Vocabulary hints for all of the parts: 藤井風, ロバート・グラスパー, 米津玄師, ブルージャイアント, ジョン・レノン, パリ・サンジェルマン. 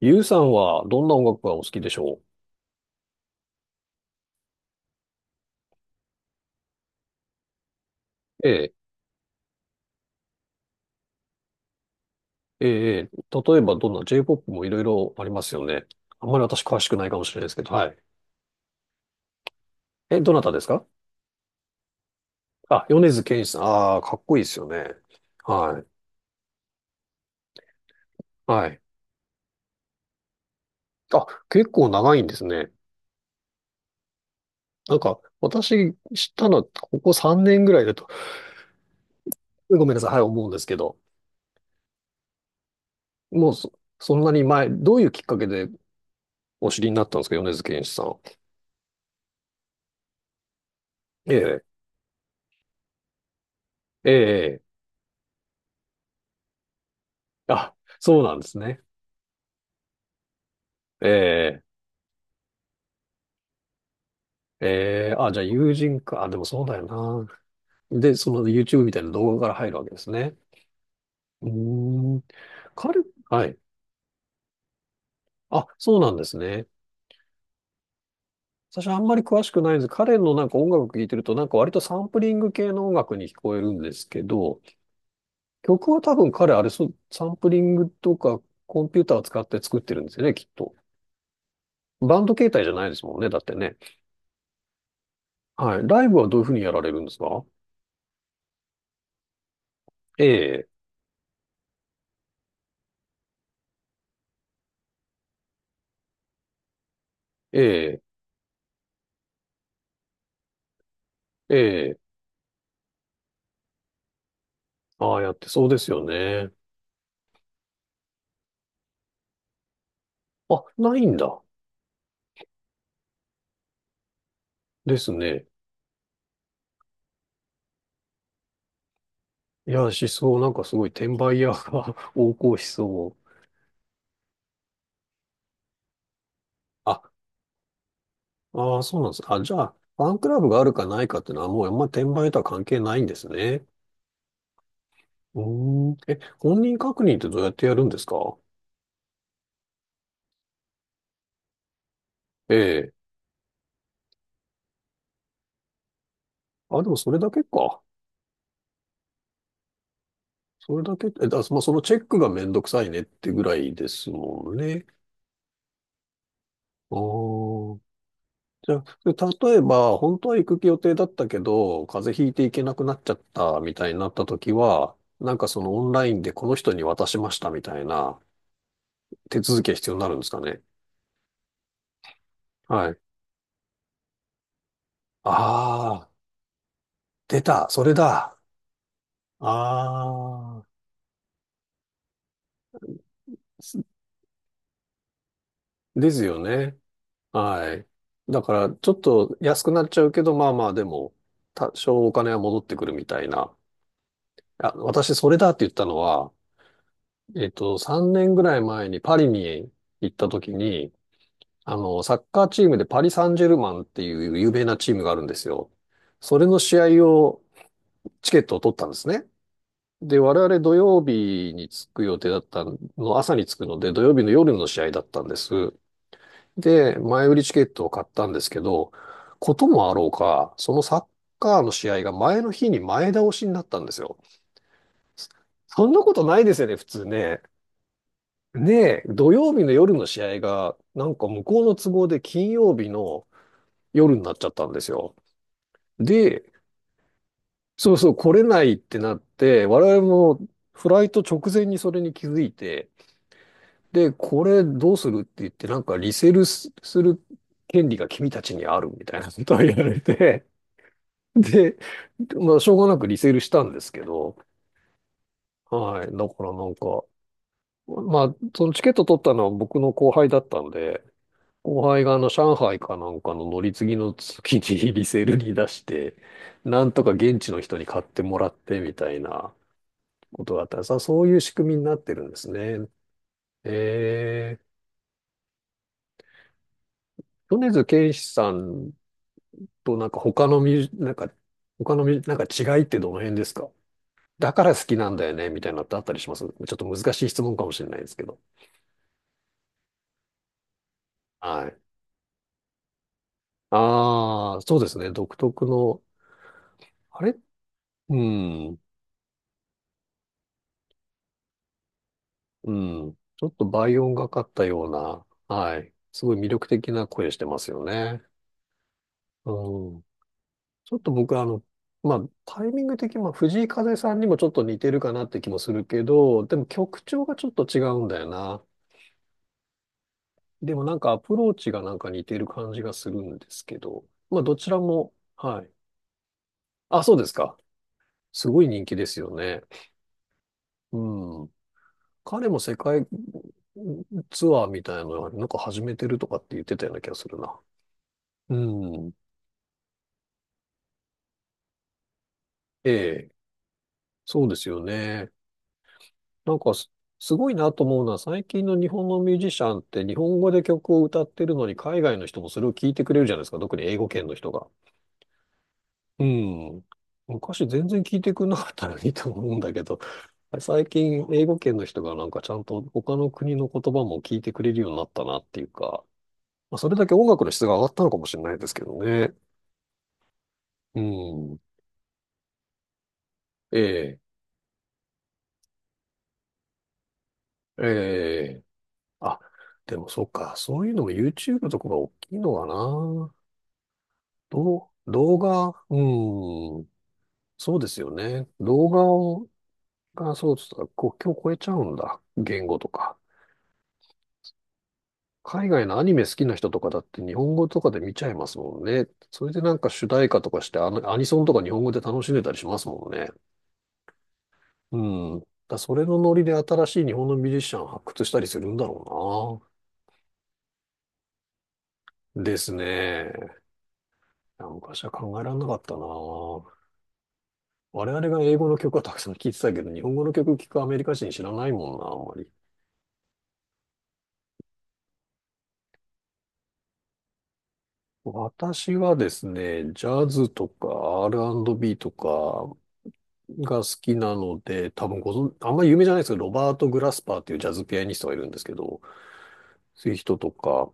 ゆうさんはどんな音楽がお好きでしょう。ええ、例えばどんな J-POP もいろいろありますよね。あんまり私詳しくないかもしれないですけど、はい。え、どなたですか？あ、米津玄師さん。ああ、かっこいいですよね。はい。はい。あ、結構長いんですね。なんか、私知ったのはここ3年ぐらいだと、ごめんなさい、はい、思うんですけど、もうそ、そんなに前、どういうきっかけでお知りになったんですか、米津玄師さん。ええ、ええ、あ、そうなんですね。ええ。えー、あ、じゃあ友人か。あ、でもそうだよな。で、その YouTube みたいな動画から入るわけですね。うーん。彼、はい。あ、そうなんですね。私あんまり詳しくないんです。彼のなんか音楽聴いてると、なんか割とサンプリング系の音楽に聞こえるんですけど、曲は多分彼あれ、そう、サンプリングとかコンピューターを使って作ってるんですよね、きっと。バンド形態じゃないですもんね、だってね。はい。ライブはどういうふうにやられるんですか？ええ、ええ、ええ、ああやってそうですよね。あ、ないんだ。ですね。いや、しそう、なんかすごい転売屋が 横行しそう。あ、ああ、そうなんです。あ、じゃあ、ファンクラブがあるかないかっていうのはもうあんま転売とは関係ないんですね。うーん。え、本人確認ってどうやってやるんですか？ええ。あ、でもそれだけか。それだけ、え、だ、まあ、そのチェックがめんどくさいねってぐらいですもんね。ああ。じゃあ、例えば、本当は行く予定だったけど、風邪ひいて行けなくなっちゃったみたいになった時は、なんかそのオンラインでこの人に渡しましたみたいな手続きが必要になるんですかね。はい。ああ、出た、それだ。ああ、すですよね。はい。だから、ちょっと安くなっちゃうけど、まあまあ、でも、多少お金は戻ってくるみたいな。あ、私、それだって言ったのは、えっと、3年ぐらい前にパリに行った時に、あの、サッカーチームでパリ・サンジェルマンっていう有名なチームがあるんですよ。それの試合を、チケットを取ったんですね。で、我々土曜日に着く予定だったの、朝に着くので、土曜日の夜の試合だったんです。で、前売りチケットを買ったんですけど、こともあろうか、そのサッカーの試合が前の日に前倒しになったんですよ。そんなことないですよね、普通ね。ねえ、土曜日の夜の試合が、なんか向こうの都合で金曜日の夜になっちゃったんですよ。で、そうそう、来れないってなって、我々もフライト直前にそれに気づいて、で、これどうするって言って、なんかリセールする権利が君たちにあるみたいな ことを言われて、で、まあ、しょうがなくリセールしたんですけど、はい。だからなんか、まあ、そのチケット取ったのは僕の後輩だったんで、後輩があの上海かなんかの乗り継ぎの月にリセールに出して、なんとか現地の人に買ってもらってみたいな、ことだったんです。あ、そういう仕組みになってるんですね。えー、米津玄師さんとなんか他のミュージ、なんか、他のミュージ、なんか違いってどの辺ですか？だから好きなんだよね、みたいなのってあったりします？ちょっと難しい質問かもしれないですけど。はい。ああ、そうですね。独特の、あれうん、うん。ちょっと倍音がかったような、はい。すごい魅力的な声してますよね。うん。ちょっと僕はあの、まあ、タイミング的に、まあ、藤井風さんにもちょっと似てるかなって気もするけど、でも曲調がちょっと違うんだよな。でもなんかアプローチがなんか似てる感じがするんですけど、まあ、どちらも、はい。あ、そうですか。すごい人気ですよね。うん。彼も世界ツアーみたいなのなんか始めてるとかって言ってたような気がするな。うん。ええ。そうですよね。なんかす、すごいなと思うのは、最近の日本のミュージシャンって日本語で曲を歌ってるのに、海外の人もそれを聞いてくれるじゃないですか。特に英語圏の人が。うん。昔全然聞いてくれなかったのにと思うんだけど、最近英語圏の人がなんかちゃんと他の国の言葉も聞いてくれるようになったなっていうか、まあ、それだけ音楽の質が上がったのかもしれないですけどね。うん。ええ、ええ。あ、でもそうか。そういうのも YouTube とかが大きいのかな。どう、動画、うん、そうですよね。動画を、が、そうです。国境を超えちゃうんだ。言語とか。海外のアニメ好きな人とかだって日本語とかで見ちゃいますもんね。それでなんか主題歌とかしてアニソンとか日本語で楽しんでたりしますもんね。うん。だそれのノリで新しい日本のミュージシャン発掘したりするんだろうな。ですね。いや昔は考えられなかったな。我々が英語の曲はたくさん聴いてたけど、日本語の曲聴くアメリカ人知らないもんな、あんまり。私はですね、ジャズとか R&B とかが好きなので、多分ご存、あんまり有名じゃないですけど、ロバート・グラスパーっていうジャズピアニストがいるんですけど、そういう人とか、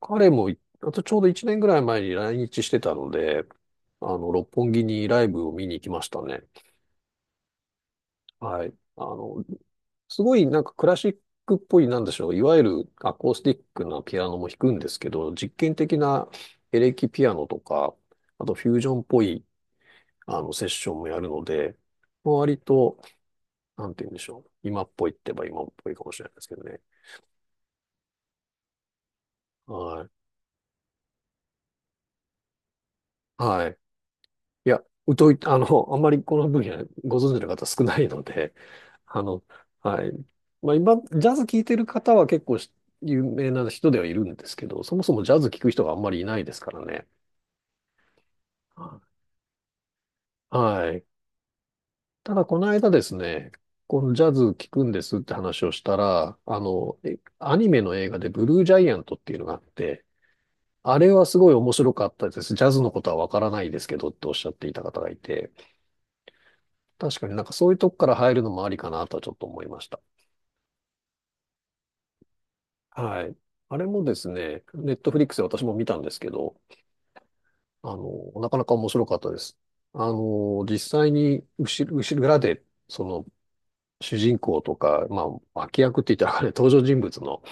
彼も、あとちょうど1年ぐらい前に来日してたので、あの、六本木にライブを見に行きましたね。はい。あの、すごいなんかクラシックっぽい、なんでしょう、いわゆるアコースティックなピアノも弾くんですけど、実験的なエレキピアノとか、あとフュージョンっぽいあの、セッションもやるので、割と、なんて言うんでしょう。今っぽいって言えば今っぽいかもしれないですけどね。はい。はい。いや、疎い、あの、あんまりこの分野ご存知の方少ないので、あの、はい。まあ今、ジャズ聴いてる方は結構有名な人ではいるんですけど、そもそもジャズ聴く人があんまりいないですからね。はい。ただ、この間ですね、このジャズ聴くんですって話をしたら、あの、えアニメの映画でブルージャイアントっていうのがあって、あれはすごい面白かったです。ジャズのことはわからないですけどっておっしゃっていた方がいて、確かになんかそういうとこから入るのもありかなとはちょっと思いました。はい。あれもですね、ネットフリックスで私も見たんですけど、なかなか面白かったです。あの、実際に後ろ裏で、その、主人公とか、まあ、脇役って言ったらあれ、登場人物の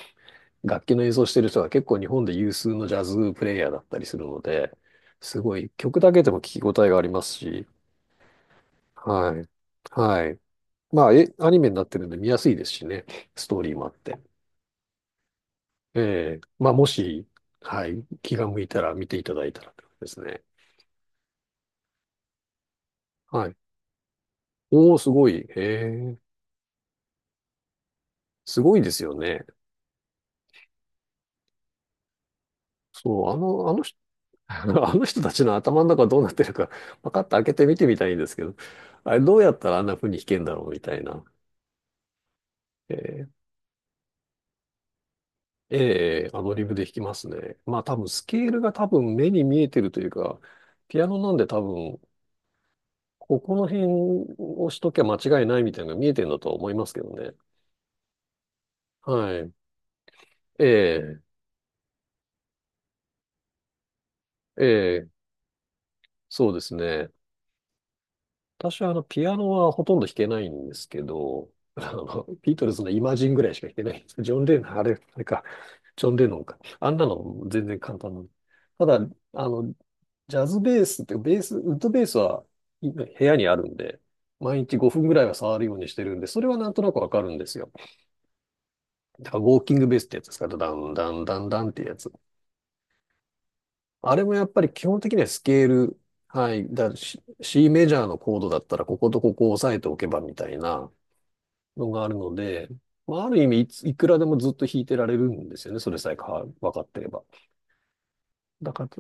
楽器の演奏してる人が結構日本で有数のジャズプレイヤーだったりするので、すごい曲だけでも聞き応えがありますし、はい。はい。まあ、アニメになってるんで見やすいですしね。ストーリーもあって。ええまあ、もし、はい。気が向いたら見ていただいたらってことですね。はい。おー、すごい。ええ、すごいですよね。そう、あの、あの人、あの人たちの頭の中どうなってるか、パカッと開けて見てみたいんですけど、あれどうやったらあんな風に弾けんだろうみたいな。えええアドリブで弾きますね。まあ多分スケールが多分目に見えてるというか、ピアノなんで多分ここの辺をしときゃ間違いないみたいなのが見えてるんだとは思いますけどね。はい。ええ、ええ、そうですね。私はあの、ピアノはほとんど弾けないんですけど、あの、ビートルズのイマジンぐらいしか弾けないんです。ジョン・レノン、あれ、あれか、ジョン・レノンか。あんなの全然簡単なの。ただ、あの、ジャズベースって、ベース、ウッドベースは部屋にあるんで、毎日5分ぐらいは触るようにしてるんで、それはなんとなくわかるんですよ。だからウォーキングベースってやつですか、ダン、ダン、ダン、ダンっていうやつ。あれもやっぱり基本的にはスケール、はい、C、C メジャーのコードだったらこことここを押さえておけばみたいなのがあるので、まあ、ある意味いくらでもずっと弾いてられるんですよね、それさえか分かってれば。だから、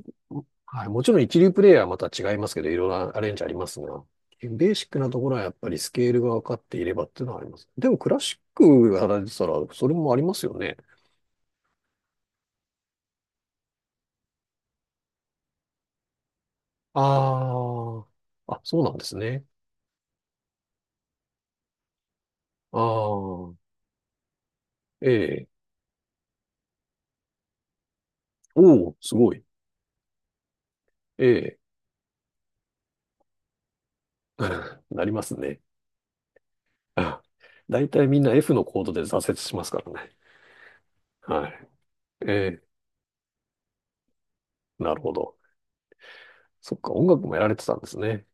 はい、もちろん一流プレイヤーはまた違いますけど、いろいろアレンジありますが、ベーシックなところはやっぱりスケールが分かっていればっていうのはあります。でもクラシックやられてたら、それもありますよね。あそうなんですね。ああ、ええ。おお、すごい。ええ。なりますね。あ、大体みんな F のコードで挫折しますからね。はい。ええ、なるほど。そっか、音楽もやられてたんですね。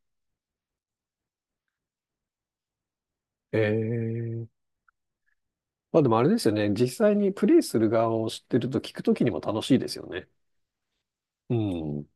ええ。まあでもあれですよね。実際にプレイする側を知ってると聞くときにも楽しいですよね。うん。